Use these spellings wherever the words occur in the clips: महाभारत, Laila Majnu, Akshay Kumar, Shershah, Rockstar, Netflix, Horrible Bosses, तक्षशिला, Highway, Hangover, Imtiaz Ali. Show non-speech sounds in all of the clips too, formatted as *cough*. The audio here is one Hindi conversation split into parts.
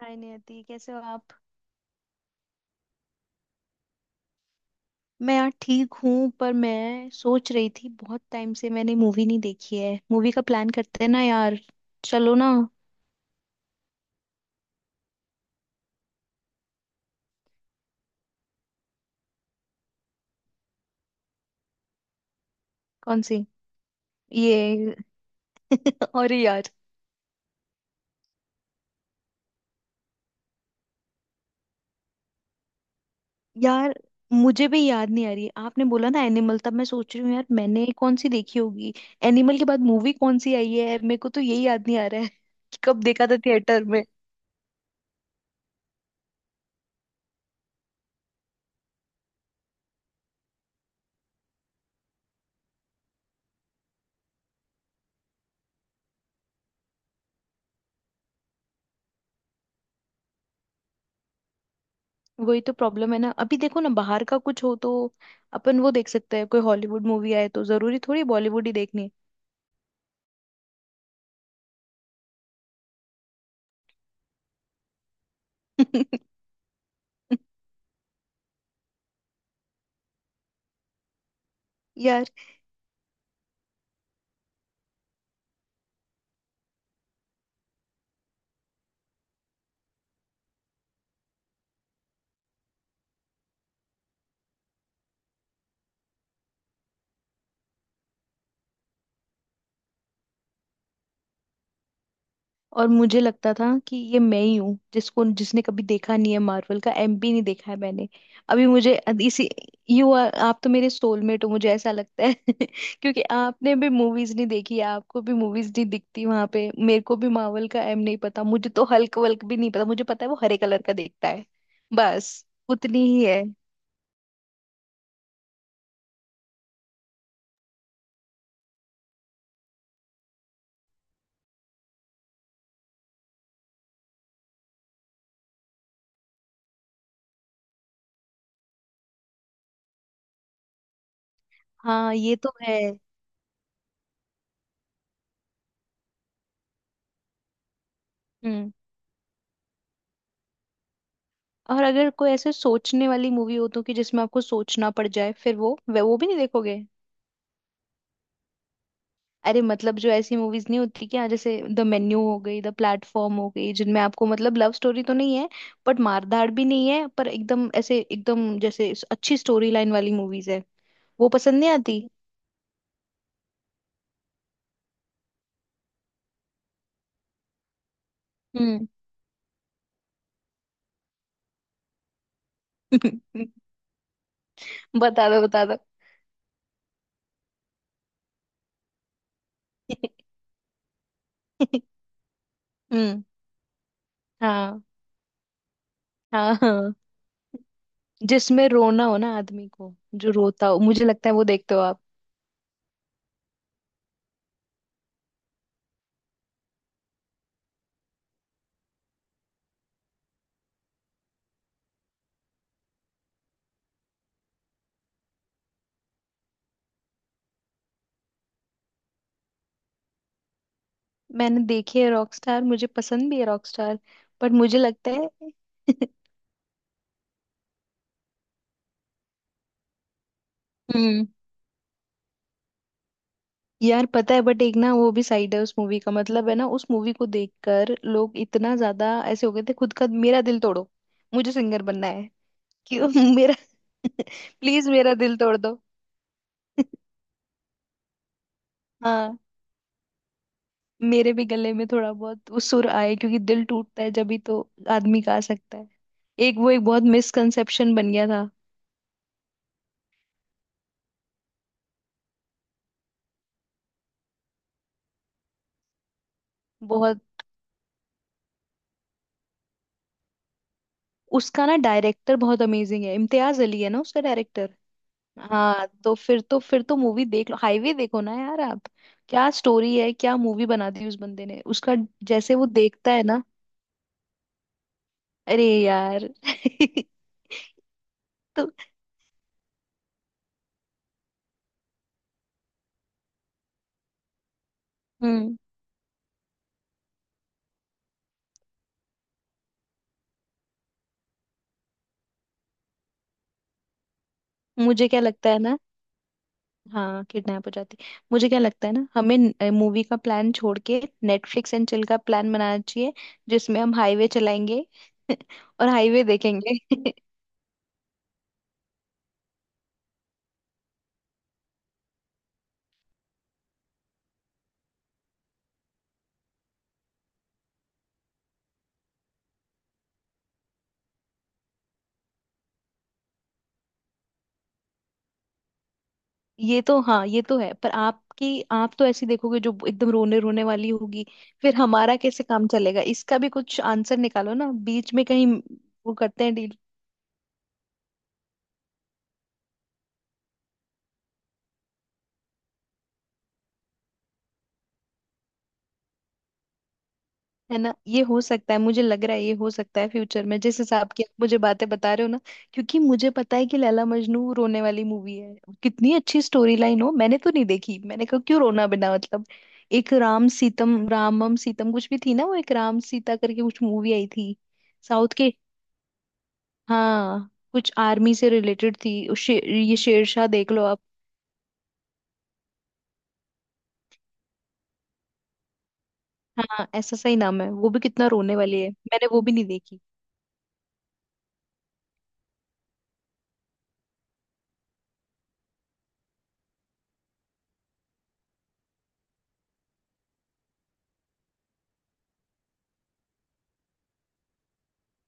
हाय नियति, कैसे हो आप? मैं यार ठीक हूँ, पर मैं सोच रही थी बहुत टाइम से मैंने मूवी नहीं देखी है। मूवी का प्लान करते हैं ना यार। चलो ना। कौन सी? ये? अरे यार। यार, मुझे भी याद नहीं आ रही, आपने बोला ना एनिमल, तब मैं सोच रही हूँ यार, मैंने कौन सी देखी होगी। एनिमल के बाद मूवी कौन सी आई है? मेरे को तो यही याद नहीं आ रहा है कि कब देखा था थिएटर में। वही तो प्रॉब्लम है ना। अभी देखो ना, बाहर का कुछ हो तो अपन वो देख सकते हैं। कोई हॉलीवुड मूवी आए तो, जरूरी थोड़ी बॉलीवुड ही देखनी है। *laughs* यार, और मुझे लगता था कि ये मैं ही हूँ जिसको, जिसने कभी देखा नहीं है मार्वल का। एमपी नहीं देखा है मैंने। अभी मुझे अद- इसी यू आर आप तो मेरे सोलमेट हो, मुझे ऐसा लगता है। *laughs* क्योंकि आपने भी मूवीज नहीं देखी है, आपको भी मूवीज नहीं दिखती वहां पे। मेरे को भी मार्वल का एम नहीं पता। मुझे तो हल्क वल्क भी नहीं पता। मुझे पता है वो हरे कलर का देखता है। बस उतनी ही है। हाँ ये तो है। हम्म। और अगर कोई ऐसे सोचने वाली मूवी हो तो, कि जिसमें आपको सोचना पड़ जाए, फिर वो भी नहीं देखोगे। अरे मतलब, जो ऐसी मूवीज नहीं होती क्या, जैसे द मेन्यू हो गई, द प्लेटफॉर्म हो गई, जिनमें आपको, मतलब, लव स्टोरी तो नहीं है बट मारधाड़ भी नहीं है, पर एकदम ऐसे, एकदम जैसे अच्छी स्टोरी लाइन वाली मूवीज है। वो पसंद नहीं आती। हम्म। *laughs* बता दो, बता दो। *laughs* हम्म। हाँ हाँ हाँ। जिसमें रोना हो ना आदमी को, जो रोता हो, मुझे लगता है वो देखते हो आप। मैंने देखी है रॉकस्टार, मुझे पसंद भी है रॉकस्टार, पर मुझे लगता है। *laughs* हम्म। यार पता है, बट एक ना वो भी साइड है उस मूवी का, मतलब है ना, उस मूवी को देखकर लोग इतना ज्यादा ऐसे हो गए थे, खुद का मेरा दिल तोड़ो, मुझे सिंगर बनना है। क्यों? *laughs* मेरा *laughs* प्लीज मेरा दिल तोड़ दो। *laughs* हाँ। मेरे भी गले में थोड़ा बहुत वो सुर आए, क्योंकि दिल टूटता है जब ही तो आदमी गा सकता है। एक वो, एक बहुत मिसकंसेप्शन बन गया था। बहुत, उसका ना डायरेक्टर बहुत अमेजिंग है। इम्तियाज अली है ना उसका डायरेक्टर। हाँ, तो फिर तो मूवी देख लो, हाईवे देखो ना यार आप। क्या स्टोरी है, क्या मूवी बना दी उस बंदे ने, उसका जैसे वो देखता है ना। अरे यार। *laughs* तो, हम्म। मुझे क्या लगता है ना, हाँ, किडनैप हो जाती। मुझे क्या लगता है ना, हमें मूवी का प्लान छोड़ के नेटफ्लिक्स एंड चिल का प्लान बनाना चाहिए, जिसमें हम हाईवे चलाएंगे और हाईवे देखेंगे। ये तो हाँ, ये तो है। पर आपकी आप तो ऐसी देखोगे जो एकदम रोने रोने वाली होगी। फिर हमारा कैसे काम चलेगा? इसका भी कुछ आंसर निकालो ना बीच में कहीं, वो करते हैं डील। है ना? ये हो सकता है, मुझे लग रहा है ये हो सकता है फ्यूचर में, जिस हिसाब की आप मुझे बातें बता रहे हो ना। क्योंकि मुझे पता है कि लैला मजनू रोने वाली मूवी है, कितनी अच्छी स्टोरी लाइन हो, मैंने तो नहीं देखी। मैंने कहा क्यों रोना बिना मतलब। एक राम सीतम, रामम सीतम, कुछ भी थी ना वो, एक राम सीता करके कुछ मूवी आई थी, साउथ के। हाँ, कुछ आर्मी से रिलेटेड थी ये शेरशाह देख लो आप। हाँ ऐसा सही नाम है। वो भी कितना रोने वाली है, मैंने वो भी नहीं देखी।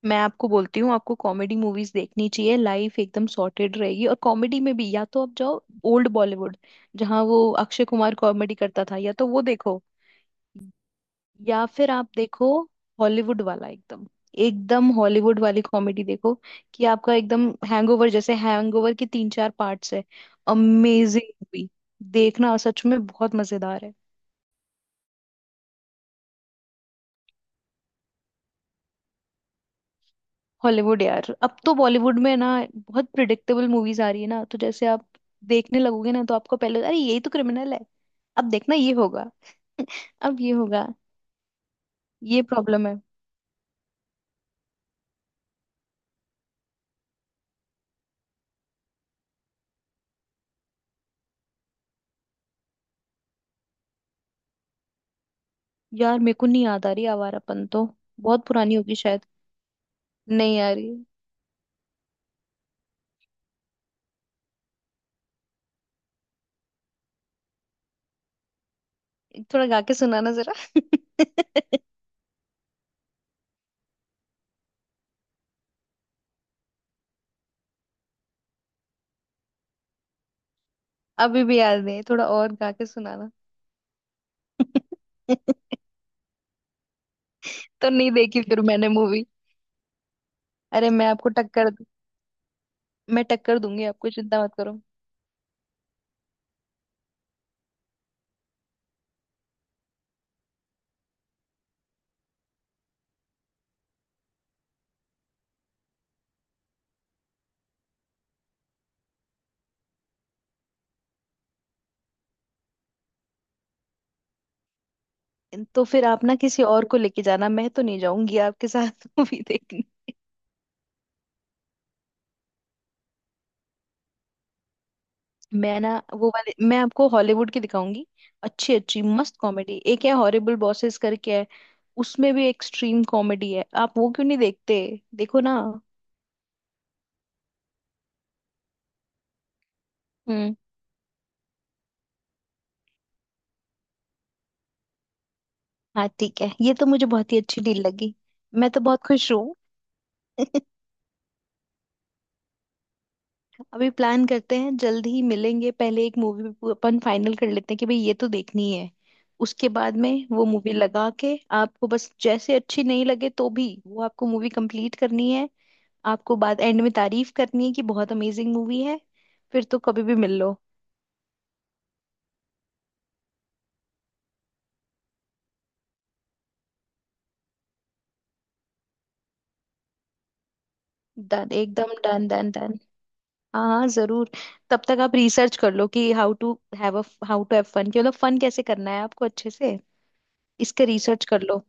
मैं आपको बोलती हूँ, आपको कॉमेडी मूवीज देखनी चाहिए, लाइफ एकदम सॉर्टेड रहेगी। और कॉमेडी में भी, या तो आप जाओ ओल्ड बॉलीवुड, जहाँ वो अक्षय कुमार कॉमेडी करता था, या तो वो देखो, या फिर आप देखो हॉलीवुड वाला, एकदम एकदम हॉलीवुड वाली कॉमेडी देखो। कि आपका एकदम हैंगओवर, जैसे हैंगओवर के तीन चार पार्ट्स है, अमेजिंग मूवी। देखना सच में बहुत मजेदार है। हॉलीवुड यार, अब तो बॉलीवुड में ना बहुत प्रिडिक्टेबल मूवीज आ रही है ना, तो जैसे आप देखने लगोगे ना, तो आपको पहले, अरे यही तो क्रिमिनल है, अब देखना ये होगा, अब ये होगा। ये प्रॉब्लम है। यार मेरे को नहीं याद आ रही आवारापन तो। बहुत पुरानी होगी शायद। नहीं यार। थोड़ा गा के सुनाना जरा। *laughs* अभी भी याद है, थोड़ा और गा के सुनाना। *laughs* तो नहीं देखी फिर मैंने मूवी। अरे मैं टक्कर दूंगी आपको, चिंता मत करो। तो फिर आप ना किसी और को लेके जाना, मैं तो नहीं जाऊंगी आपके साथ *laughs* मूवी देखने। मैं ना वो वाले, मैं आपको हॉलीवुड की दिखाऊंगी, अच्छी अच्छी मस्त कॉमेडी। एक है हॉरिबल बॉसेस करके, है उसमें भी एक्सट्रीम कॉमेडी है। आप वो क्यों नहीं देखते? देखो ना। हम्म। हाँ ठीक है, ये तो मुझे बहुत ही अच्छी डील लगी। मैं तो बहुत खुश हूँ। *laughs* अभी प्लान करते हैं, जल्दी ही मिलेंगे। पहले एक मूवी अपन फाइनल कर लेते हैं कि भाई ये तो देखनी है। उसके बाद में वो मूवी लगा के, आपको बस, जैसे अच्छी नहीं लगे तो भी वो आपको मूवी कंप्लीट करनी है। आपको बाद, एंड में, तारीफ करनी है कि बहुत अमेजिंग मूवी है। फिर तो कभी भी मिल लो। डन, एकदम डन डन डन। हाँ हाँ जरूर। तब तक आप रिसर्च कर लो कि हाउ टू हैव फन, कि मतलब फन कैसे करना है आपको अच्छे से, इस पे रिसर्च कर लो।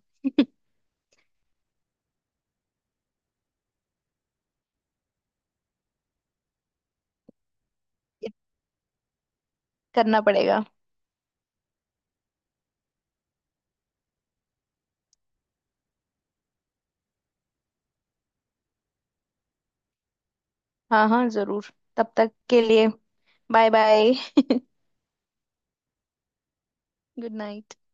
ये करना पड़ेगा। हाँ हाँ जरूर। तब तक के लिए, बाय बाय, गुड नाइट। *laughs*